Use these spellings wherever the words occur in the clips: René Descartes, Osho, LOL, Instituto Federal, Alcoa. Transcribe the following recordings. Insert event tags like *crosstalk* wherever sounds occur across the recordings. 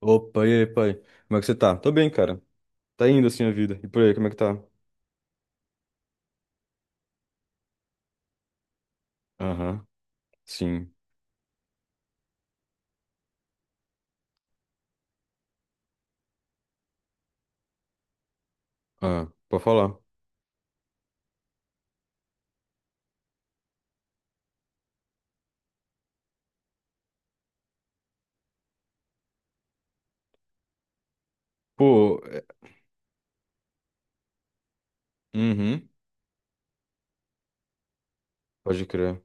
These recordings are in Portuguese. Opa, e aí, pai? Como é que você tá? Tô bem, cara. Tá indo assim a vida. E por aí, como é que tá? Aham, sim. Ah, pode falar. Pô, uhum, pode crer.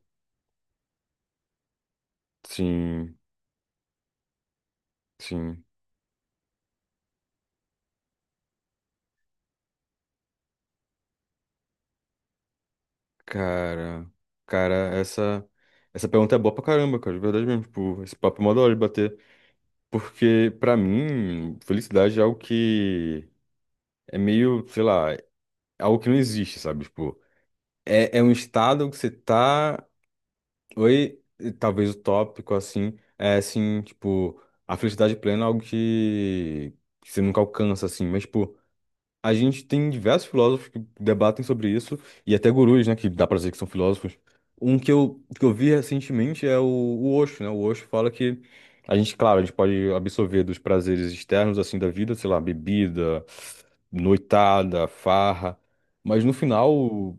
Sim, sim. Cara, cara, essa pergunta é boa pra caramba, cara, de verdade mesmo. Tipo, esse papo é mó da hora de bater. Porque, pra mim, felicidade é algo que é meio, sei lá, é algo que não existe, sabe? Tipo, é um estado que você tá. Oi, e talvez o tópico, assim, é assim, tipo, a felicidade plena é algo que você nunca alcança, assim, mas, tipo, a gente tem diversos filósofos que debatem sobre isso, e até gurus, né, que dá pra dizer que são filósofos. Um que eu vi recentemente é o Osho, né, o Osho fala que a gente, claro, a gente pode absorver dos prazeres externos, assim, da vida, sei lá, bebida, noitada, farra, mas no final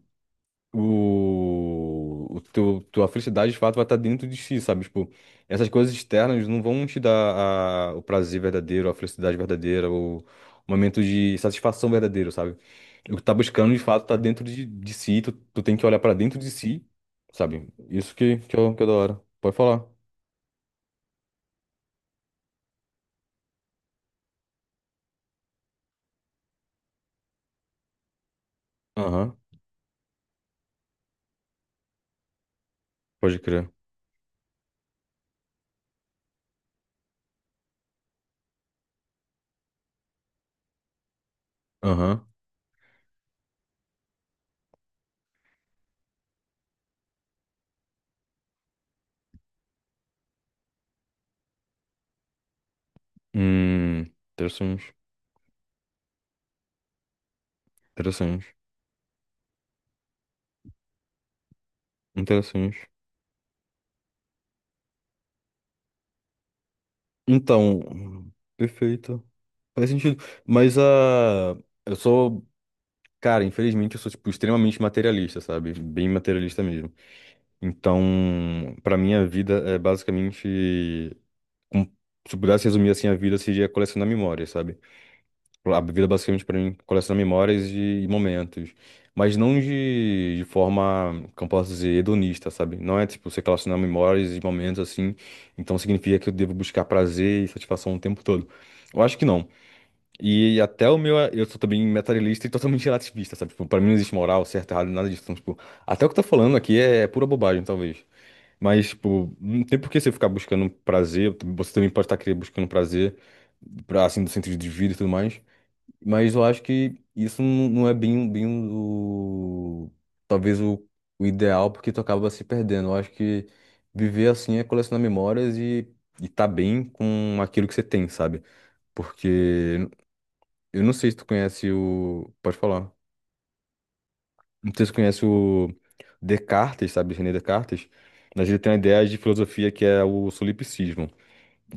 o teu, tua felicidade de fato vai estar dentro de si, sabe? Tipo, essas coisas externas não vão te dar o prazer verdadeiro, a felicidade verdadeira, o momento de satisfação verdadeiro, sabe? O que tá buscando de fato tá dentro de si, tu tem que olhar pra dentro de si, sabe? Isso que, que é da hora. Pode falar. Aham, pode crer. Aham. Hum, Interessante, interessante, interessante. Então, perfeito. Faz sentido. Mas a. Eu sou. Cara, infelizmente eu sou, tipo, extremamente materialista, sabe? Bem materialista mesmo. Então, pra mim, a vida é basicamente. com- Se eu pudesse resumir assim, a vida seria colecionar memórias, sabe? A vida basicamente pra mim colecionar memórias e momentos. Mas não de forma, como posso dizer, hedonista, sabe? Não é tipo você colecionar memórias e momentos assim. Então significa que eu devo buscar prazer e satisfação o tempo todo. Eu acho que não. E até o meu, eu sou também materialista e totalmente *laughs* relativista, sabe? Tipo, pra mim não existe moral, certo, errado, nada disso. Então, tipo, até o que tá falando aqui é pura bobagem, talvez. Mas, tipo, não tem por que você ficar buscando prazer, você também pode estar querendo buscando prazer, pra, assim, do sentido de vida e tudo mais. Mas eu acho que isso não é bem o... talvez o ideal, porque tu acaba se perdendo. Eu acho que viver assim é colecionar memórias e tá bem com aquilo que você tem, sabe? Porque eu não sei se tu conhece o. Pode falar. Não sei se tu conhece o Descartes, sabe? René Descartes. Mas ele tem uma ideia de filosofia que é o solipsismo.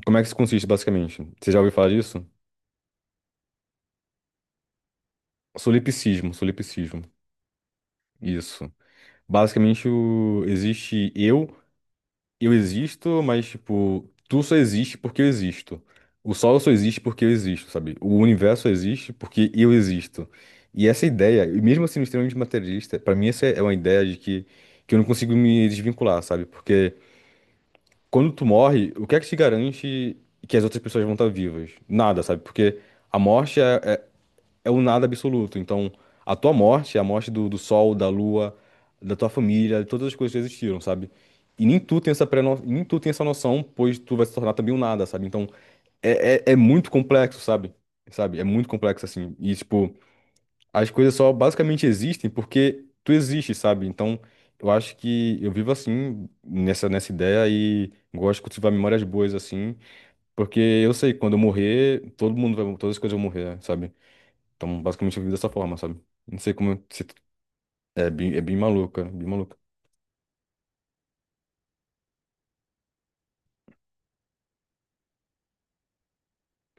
Como é que isso consiste, basicamente? Você já ouviu falar disso? Solipsismo, solipsismo. Isso. Basicamente, existe eu. Eu existo, mas, tipo, tu só existe porque eu existo. O sol só existe porque eu existo, sabe? O universo só existe porque eu existo. E essa ideia, e mesmo sendo extremamente materialista, pra mim essa é uma ideia de que eu não consigo me desvincular, sabe? Porque quando tu morre, o que é que te garante que as outras pessoas vão estar vivas? Nada, sabe? Porque a morte é, é o nada absoluto. Então, a tua morte, é a morte do, do sol, da lua, da tua família, de todas as coisas que existiram, sabe? E nem tu tem essa noção, pois tu vai se tornar também um nada, sabe? Então, é muito complexo, sabe? Sabe? É muito complexo, assim. E, tipo, as coisas só basicamente existem porque tu existe, sabe? Então, eu acho que eu vivo assim, nessa ideia e gosto de cultivar memórias boas, assim, porque eu sei que quando eu morrer, todo mundo vai, todas as coisas vão morrer, sabe? Então, basicamente, eu vivo dessa forma, sabe? Não sei como eu- se, é bem maluca, bem maluca.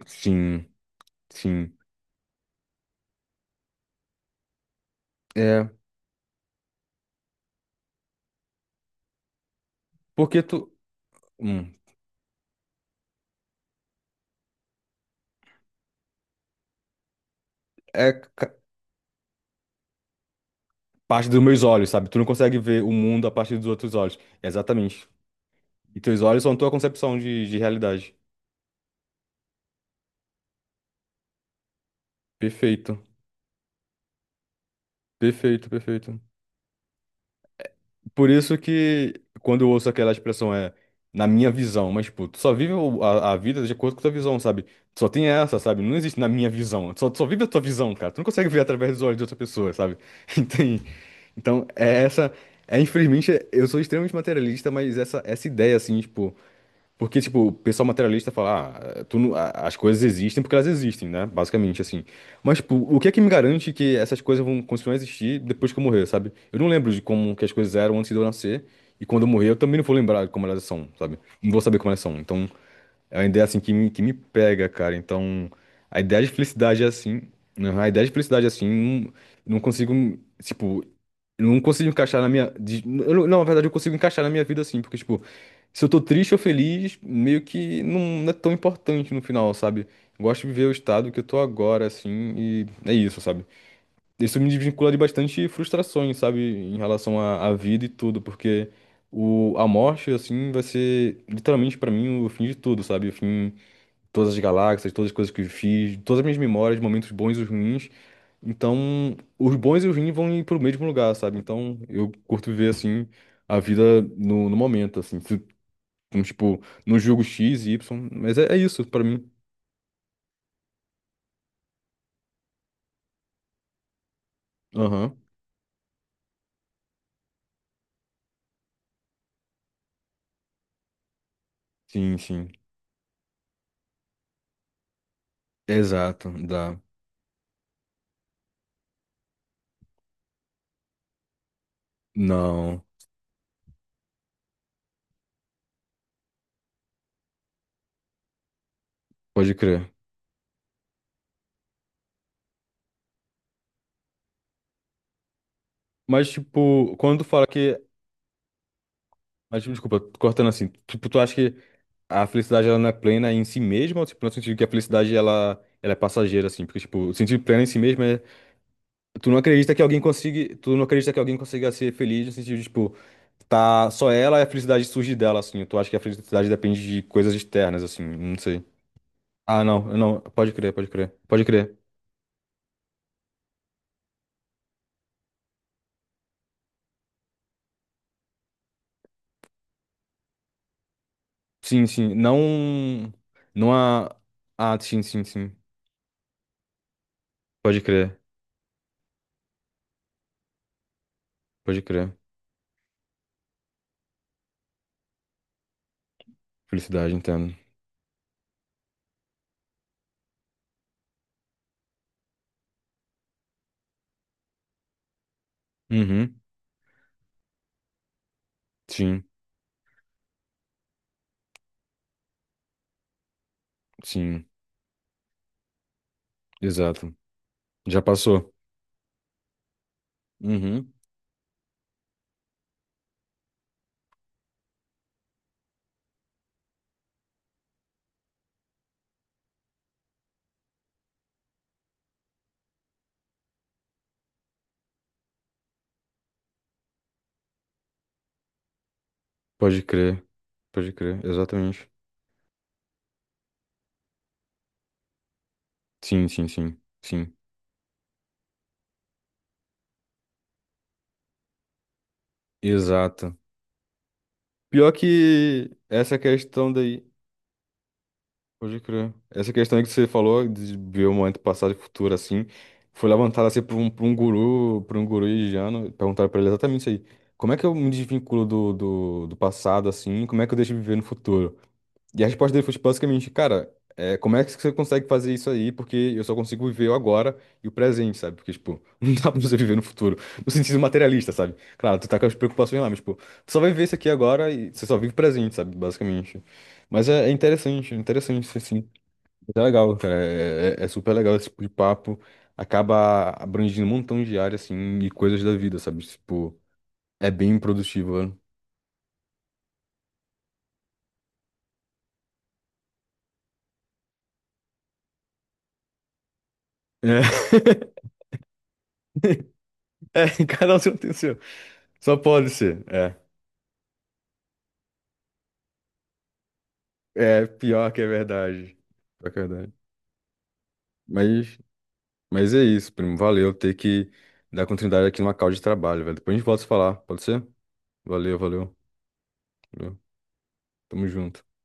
Sim, sim. É, porque tu. hum, é parte dos meus olhos, sabe? Tu não consegue ver o mundo a partir dos outros olhos. Exatamente. E teus olhos são tua concepção de realidade. Perfeito, perfeito, perfeito. Por isso que quando eu ouço aquela expressão é na minha visão, mas tipo, tu só vive a vida de acordo com a tua visão, sabe? Tu só tem essa, sabe? Não existe na minha visão. Tu só vive a tua visão, cara. Tu não consegue ver através dos olhos de outra pessoa, sabe? *laughs* Entende? Então, é essa. É, infelizmente, eu sou extremamente materialista, mas essa ideia, assim, tipo. Porque, tipo, o pessoal materialista fala, ah, tu não- a- as coisas existem porque elas existem, né? Basicamente, assim. Mas, tipo, o que é que me garante que essas coisas vão continuar a existir depois que eu morrer, sabe? Eu não lembro de como que as coisas eram antes de eu nascer. E quando eu morrer, eu também não vou lembrar de como elas são, sabe? Não vou saber como elas são. Então, é uma ideia assim que me pega, cara. Então, a ideia de felicidade é assim. Né? A ideia de felicidade é assim. Não, não consigo, tipo, não consigo encaixar na minha. Eu não, não, na verdade, eu consigo encaixar na minha vida assim, porque, tipo, se eu tô triste ou feliz, meio que não, não é tão importante no final, sabe? Eu gosto de viver o estado que eu tô agora, assim, e é isso, sabe? Isso me desvincula de bastante frustrações, sabe, em relação à vida e tudo, porque a morte, assim, vai ser literalmente pra mim o fim de tudo, sabe? O fim de todas as galáxias, todas as coisas que eu fiz, todas as minhas memórias, momentos bons e os ruins. Então, os bons e os ruins vão ir pro mesmo lugar, sabe? Então, eu curto ver, assim, a vida no momento, assim, como, tipo, não julgo X e Y, mas é, é isso pra mim. Aham, sim, sim. Exato, dá. Não, pode crer. Mas, tipo, quando tu fala que. Mas, tipo, desculpa, tô cortando assim. Tipo, tu acha que a felicidade ela não é plena em si mesma? Ou, tipo, no sentido que a felicidade ela, ela é passageira, assim? Porque, tipo, o sentido pleno em si mesmo é. Tu não acredita que alguém consiga. Tu não acredita que alguém consiga ser feliz no sentido de, tipo, tá só ela e a felicidade surge dela, assim. Tu acha que a felicidade depende de coisas externas, assim? Não sei. Ah, não, não. Pode crer, pode crer. Pode crer. Sim, sim. Não. Não há. Ah, sim, sim, sim. Pode crer, pode crer. Felicidade, entendo. Uhum. Sim, sim, exato. Já passou. Uhum. Pode crer, pode crer, exatamente. Sim, sim, sim, sim, exato. Pior que essa questão daí, pode crer, essa questão aí que você falou de ver o momento passado e futuro assim, foi levantada assim por um, guru, por um guru indiano, perguntaram pra ele exatamente isso aí. Como é que eu me desvinculo do passado assim, como é que eu deixo de viver no futuro? E a resposta dele foi tipo, basicamente, cara, é, como é que você consegue fazer isso aí? Porque eu só consigo viver o agora e o presente, sabe? Porque, tipo, *laughs* não dá pra você viver no futuro. No sentido materialista, sabe? Claro, tu tá com as preocupações lá, mas, tipo, tu só vai viver isso aqui agora e você só vive o presente, sabe? Basicamente. Mas é interessante, é interessante, assim. É legal, cara. É super legal esse tipo de papo. Acaba abrangindo um montão de áreas, assim, e coisas da vida, sabe? Tipo, é bem produtivo, né? *laughs* É, é, cada um tem o seu. Só pode ser. É. É, pior que é verdade. Pior que é verdade. Mas, mas, é isso, primo. Valeu ter que dar continuidade aqui numa call de trabalho, velho. Depois a gente volta a se falar, pode ser? Valeu, valeu. Valeu. Tamo junto.